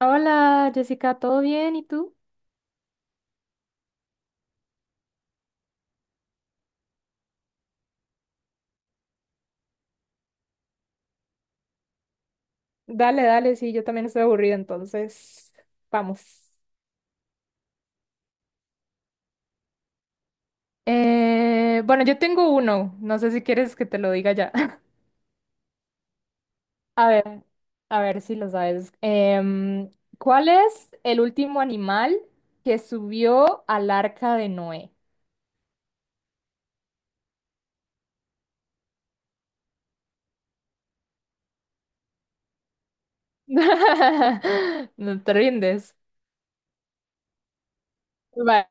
Hola Jessica, ¿todo bien? ¿Y tú? Dale, dale, sí, yo también estoy aburrida, entonces vamos. Bueno, yo tengo uno, no sé si quieres que te lo diga ya. A ver, a ver si lo sabes. ¿Cuál es el último animal que subió al arca de Noé? No te rindes. Va.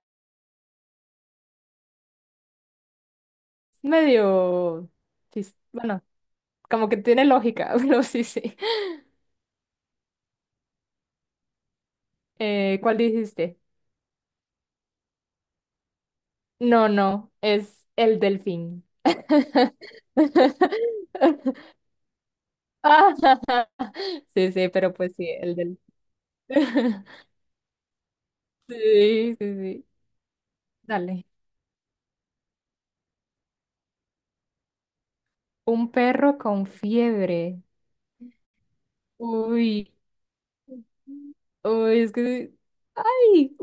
Es medio... Bueno, como que tiene lógica, pero sí, sí. ¿Cuál dijiste? No, no, es el delfín. Ah, sí, sí, pero pues sí, el delfín. Sí, sí, sí. Dale. Un perro con fiebre. Uy. Uy, es que... sí. Ay.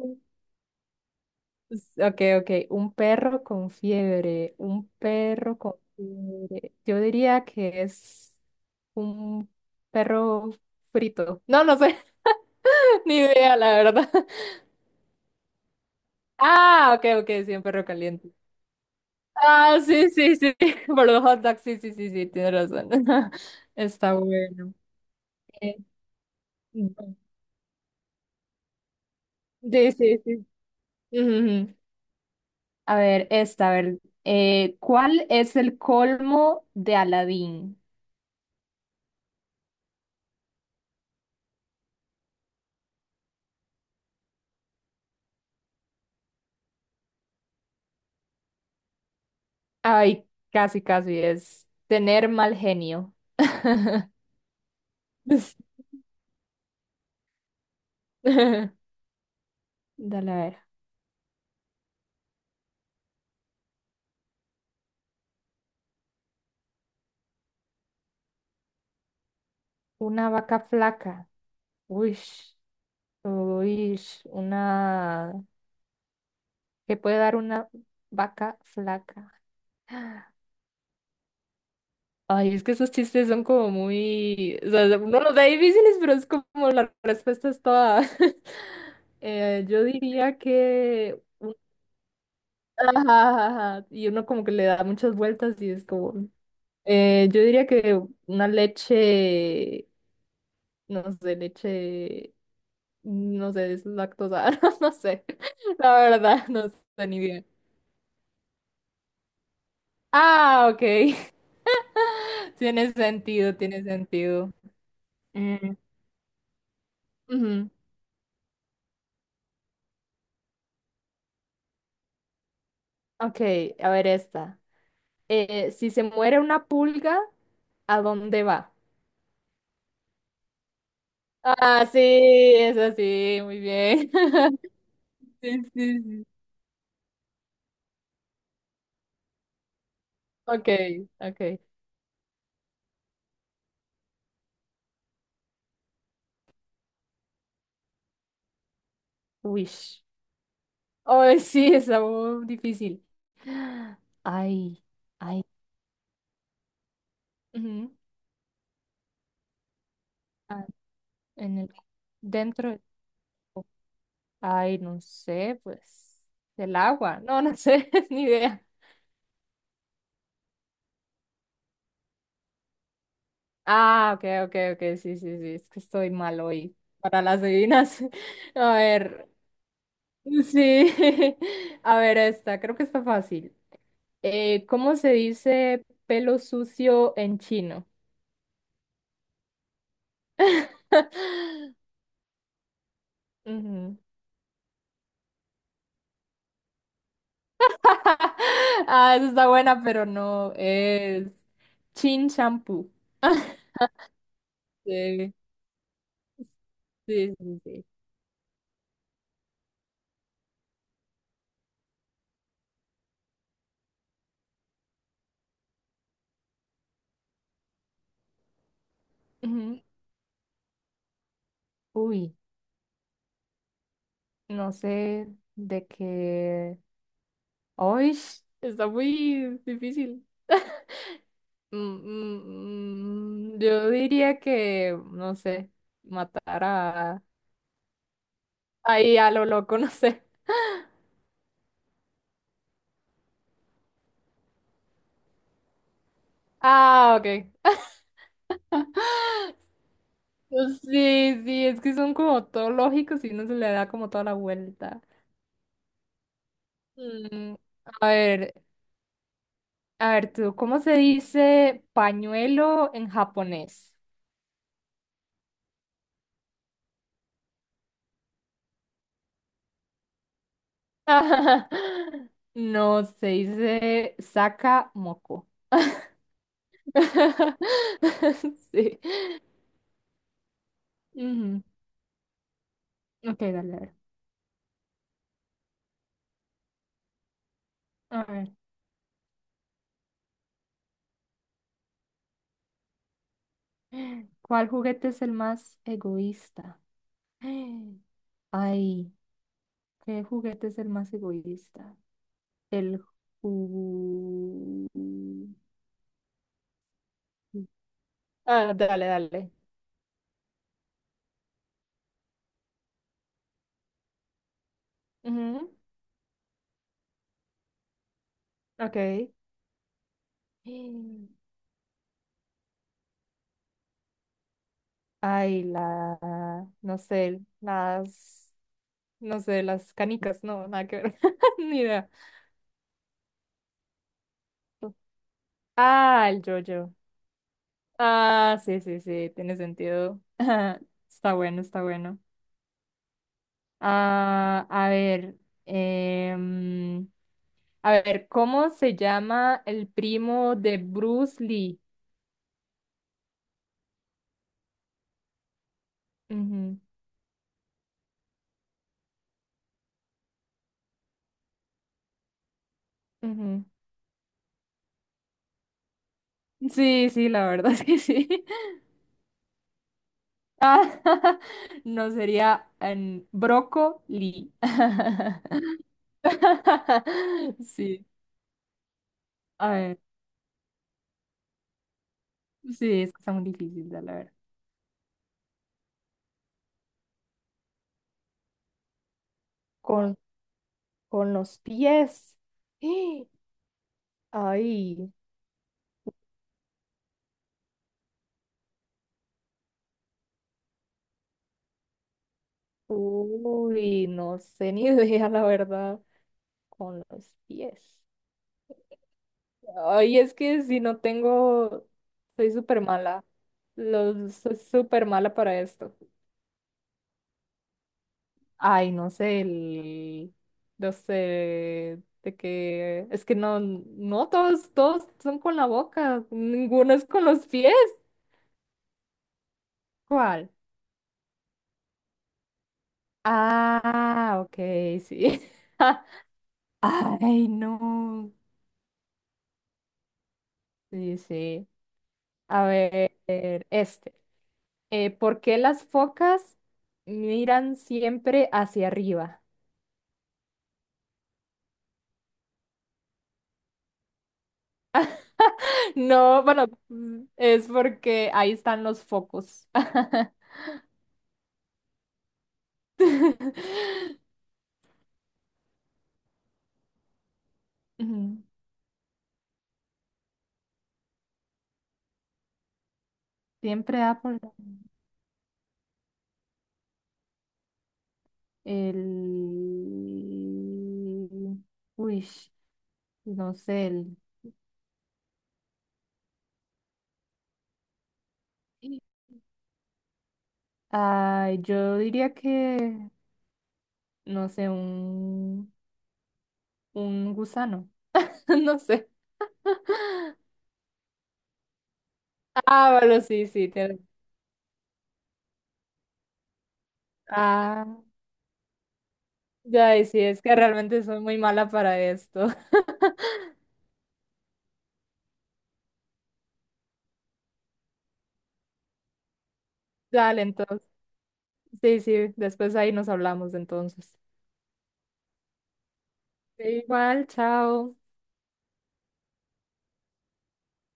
Ok, ok. Un perro con fiebre. Un perro con fiebre. Yo diría que es un perro frito. No, no sé, ni idea, la verdad. Ah, ok, ok, sí, un perro caliente. Ah, sí, sí, sí, por los hot dogs, sí, sí, sí, sí, tienes razón. Está bueno. Eh, bu- sí, sí, sí. Ujú. Ujú. A ver, esta, a ver, ¿cuál es el colmo de Aladín? Ay, casi, casi, es tener mal genio. Dale, a ver, una vaca flaca. Uy, uy, una... que puede dar una vaca flaca. Ay, es que esos chistes son como muy, o sea, uno los da difíciles, pero es como la respuesta es toda. Yo diría que, ajá, y uno como que le da muchas vueltas y es como, yo diría que una leche, no sé, es lactosa, no sé, la verdad, no sé ni bien. Ah, ok, tiene sentido, tiene sentido. Mm, ujú. Ok, a ver esta. Si se muere una pulga, ¿a dónde va? Ah, sí, es así, muy bien. Sí, sí, sí. Ok, ok. Wish. Oh, sí, está muy difícil. Ay, ay. Ujú. Ah, en el, dentro, ay, no sé, pues, del agua. No, no sé, ni idea. Ah, ok, ok, ok, sí, sí, sí, es que estoy mal hoy para las divinas. A ver, sí, a ver esta, creo que está fácil. ¿Cómo se dice pelo sucio en chino? Ujú. Ah, esa está buena, pero no, es chin shampoo. Sí, sí, sí, sí. Ujú. Uy, no sé de qué. Uy, está muy difícil. Mm, mm, mm, yo diría que, no sé, matar a... Ahí a lo loco, no sé. Ah, ok. Pues sí, sí, es que son como todo lógicos y uno se le da como toda la vuelta. Mm, a ver, a ver tú, ¿cómo se dice pañuelo en japonés? No, se dice saca moco. Sí. Ujú. Ok, dale, a ver. A ver. ¿Cuál juguete es el más egoísta? Ay, ¿qué juguete es el más egoísta? El ju... Ah, dale, dale. Ujú, ok. Ay, la, no sé, las, no sé, las canicas, no, nada que ver, ni idea. Ah, el yo-yo. Ah, sí, sí, sí, tiene sentido. Está bueno, está bueno. Ah, a ver, em, a ver, ¿cómo se llama el primo de Bruce Lee? Ujú, ujú. Sí, sí, la verdad es que sí. Ah, no sería Broco Lee. Sí, a ver, sí, es que está muy difícil, la verdad. Con, con los pies. ¡Ah! Ay, uy, no sé ni idea, la verdad. Con los pies. Ay, es que si no tengo, soy súper mala. Los, soy súper mala para esto. Ay, no sé, el, no sé, de que, es que no, no, todos, todos son con la boca, ninguno es con los pies. ¿Cuál? Ah, ok, sí. Ay, no. Sí, sí. A ver, este. ¿Por qué las focas miran siempre hacia arriba? No, bueno, mm, es porque ahí están los focos. Ujú. Siempre da por el... Uy, no sé, el... Ay, yo diría que, no sé, un gusano. No sé. Ah, bueno, sí, sí. tiene- Ah. Ay, sí, es que realmente soy muy mala para esto. Dale, entonces. Sí, sí, después ahí nos hablamos entonces. Igual, chao.